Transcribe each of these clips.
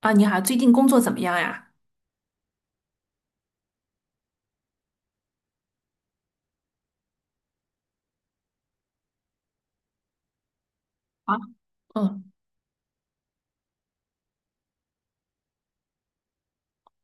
啊，你好，最近工作怎么样呀？啊，嗯，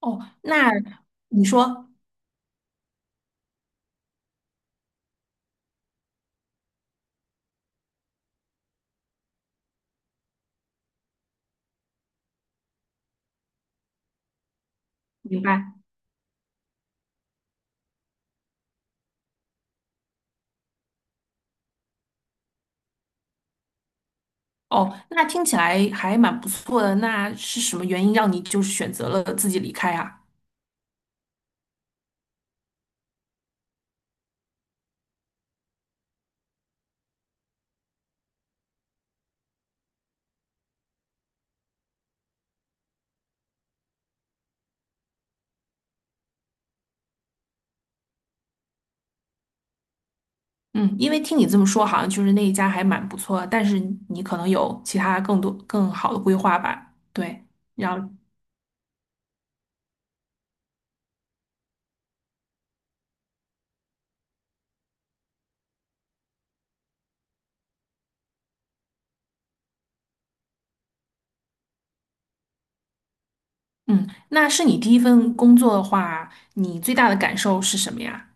哦，那你说，明白。哦，那听起来还蛮不错的。那是什么原因让你就是选择了自己离开啊？嗯，因为听你这么说，好像就是那一家还蛮不错的，但是你可能有其他更多更好的规划吧？对，然后，嗯，那是你第一份工作的话，你最大的感受是什么呀？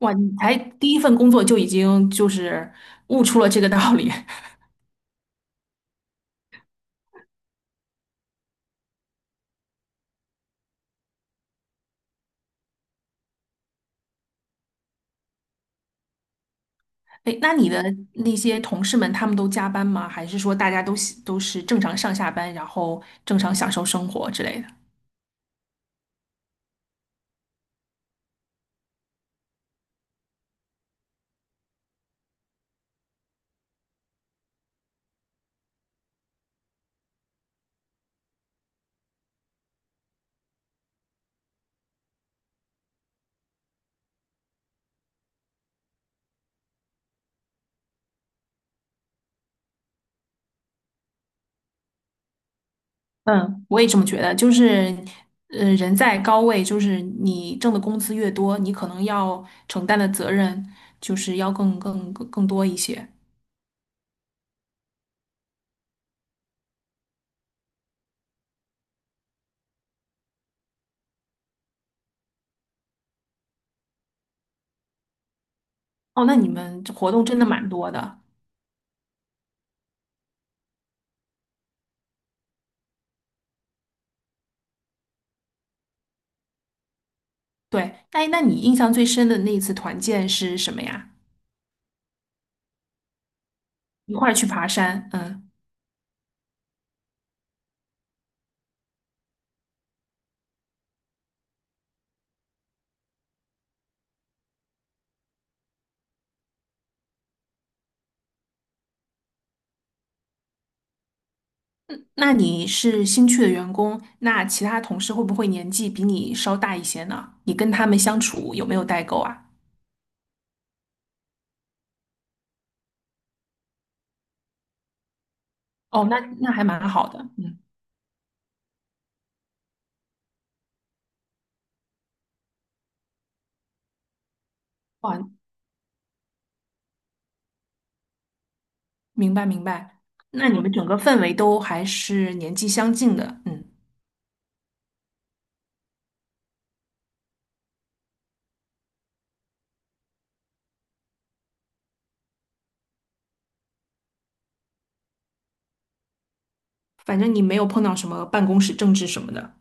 哇，你才第一份工作就已经就是悟出了这个道理。哎，那你的那些同事们，他们都加班吗？还是说大家都喜都是正常上下班，然后正常享受生活之类的？嗯，我也这么觉得。就是，人在高位，就是你挣的工资越多，你可能要承担的责任就是要更多一些。哦，那你们这活动真的蛮多的。对，哎，那你印象最深的那一次团建是什么呀？一块儿去爬山，嗯。那你是新去的员工，那其他同事会不会年纪比你稍大一些呢？你跟他们相处有没有代沟啊？哦，那那还蛮好的，嗯，哇，明白明白。那你们整个氛围都还是年纪相近的，嗯，反正你没有碰到什么办公室政治什么的。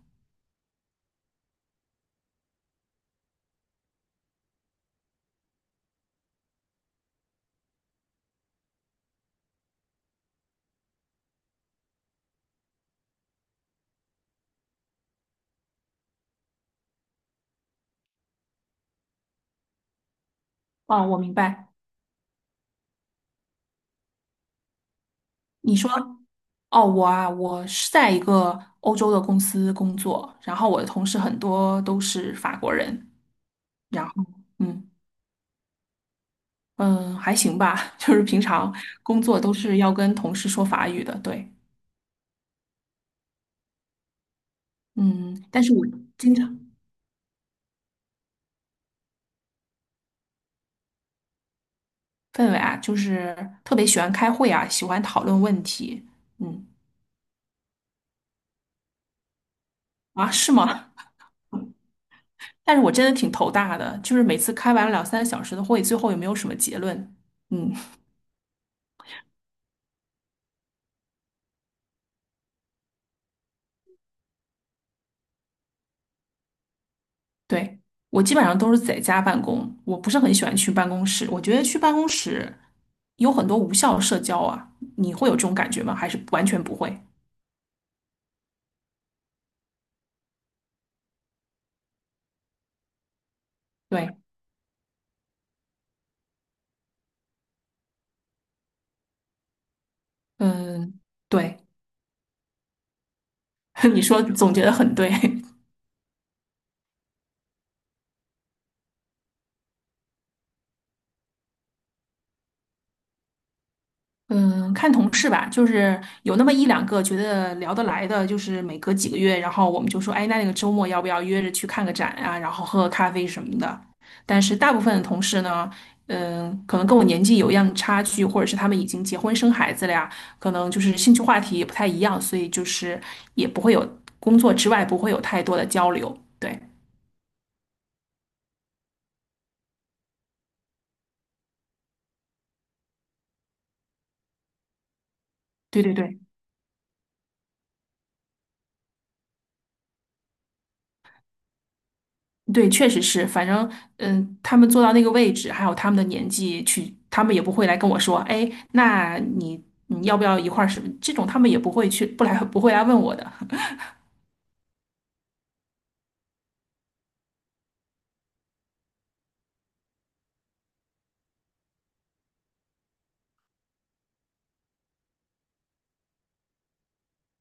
哦，我明白。你说，哦，我啊，我是在一个欧洲的公司工作，然后我的同事很多都是法国人，然后。嗯。嗯，还行吧，就是平常工作都是要跟同事说法语的，对，嗯，但是我经常氛围啊，就是特别喜欢开会啊，喜欢讨论问题，嗯，啊，是吗？但是我真的挺头大的，就是每次开完了两三个小时的会，最后也没有什么结论，嗯，对，我基本上都是在家办公，我不是很喜欢去办公室，我觉得去办公室有很多无效社交啊，你会有这种感觉吗？还是完全不会？对，嗯。对，你说总结得很对，嗯，看同事吧，就是有那么一两个觉得聊得来的，就是每隔几个月，然后我们就说，哎，那那个周末要不要约着去看个展啊，然后喝个咖啡什么的。但是大部分的同事呢，嗯，可能跟我年纪有一样差距，或者是他们已经结婚生孩子了呀，可能就是兴趣话题也不太一样，所以就是也不会有工作之外不会有太多的交流。对，对对对。对，确实是，反正嗯，他们坐到那个位置，还有他们的年纪去，他们也不会来跟我说，哎，那你你要不要一块儿什么？这种他们也不会去，不来 不会来问我的。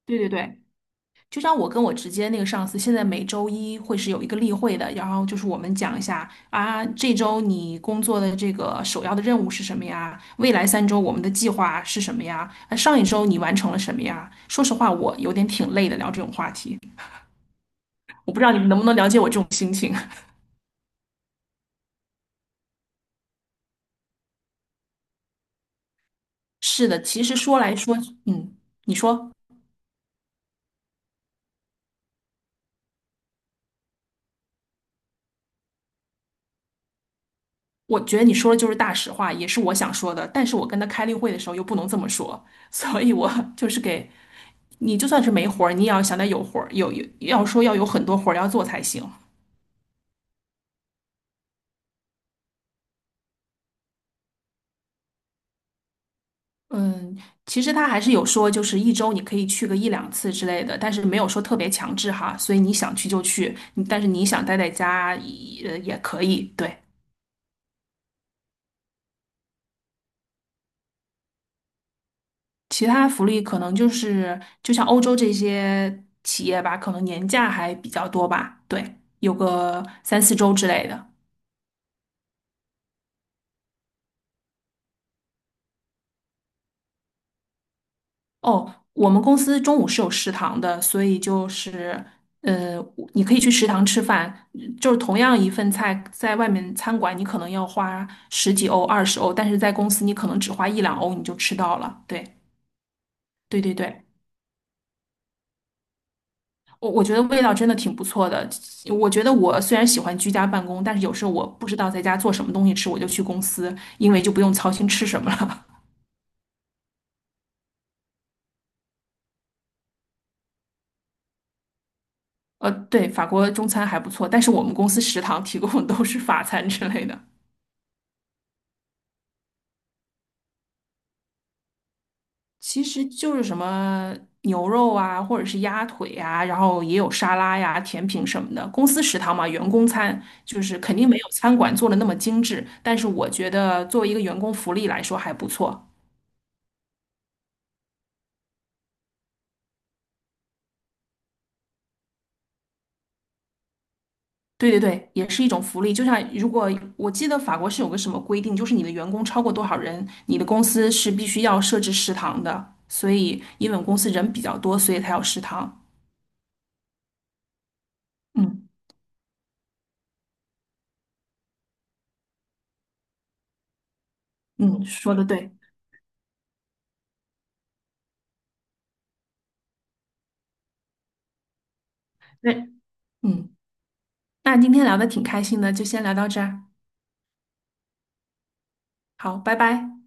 对对对，就像我跟我直接那个上司，现在每周一会是有一个例会的，然后就是我们讲一下啊，这周你工作的这个首要的任务是什么呀？未来三周我们的计划是什么呀？啊上一周你完成了什么呀？说实话，我有点挺累的聊这种话题，我不知道你们能不能了解我这种心情。是的，其实说来说，嗯，你说，我觉得你说的就是大实话，也是我想说的。但是我跟他开例会的时候又不能这么说，所以我 就是给你，就算是没活儿，你也要想得有活儿，有要说要有很多活儿要做才行。嗯，其实他还是有说，就是一周你可以去个一两次之类的，但是没有说特别强制哈，所以你想去就去，你但是你想待在家也也可以，对。其他福利可能就是，就像欧洲这些企业吧，可能年假还比较多吧，对，有个三四周之类的。哦，我们公司中午是有食堂的，所以就是，呃，你可以去食堂吃饭，就是同样一份菜，在外面餐馆你可能要花十几欧、二十欧，但是在公司你可能只花一两欧你就吃到了。对，对对对。我觉得味道真的挺不错的。我觉得我虽然喜欢居家办公，但是有时候我不知道在家做什么东西吃，我就去公司，因为就不用操心吃什么了。对，法国中餐还不错，但是我们公司食堂提供的都是法餐之类的，其实就是什么牛肉啊，或者是鸭腿啊，然后也有沙拉呀、甜品什么的。公司食堂嘛，员工餐就是肯定没有餐馆做的那么精致，但是我觉得作为一个员工福利来说还不错。对对对，也是一种福利。就像如果我记得法国是有个什么规定，就是你的员工超过多少人，你的公司是必须要设置食堂的。所以，因为我们公司人比较多，所以才有食堂。嗯嗯，说的对。那嗯，那今天聊的挺开心的，就先聊到这儿。好，拜拜。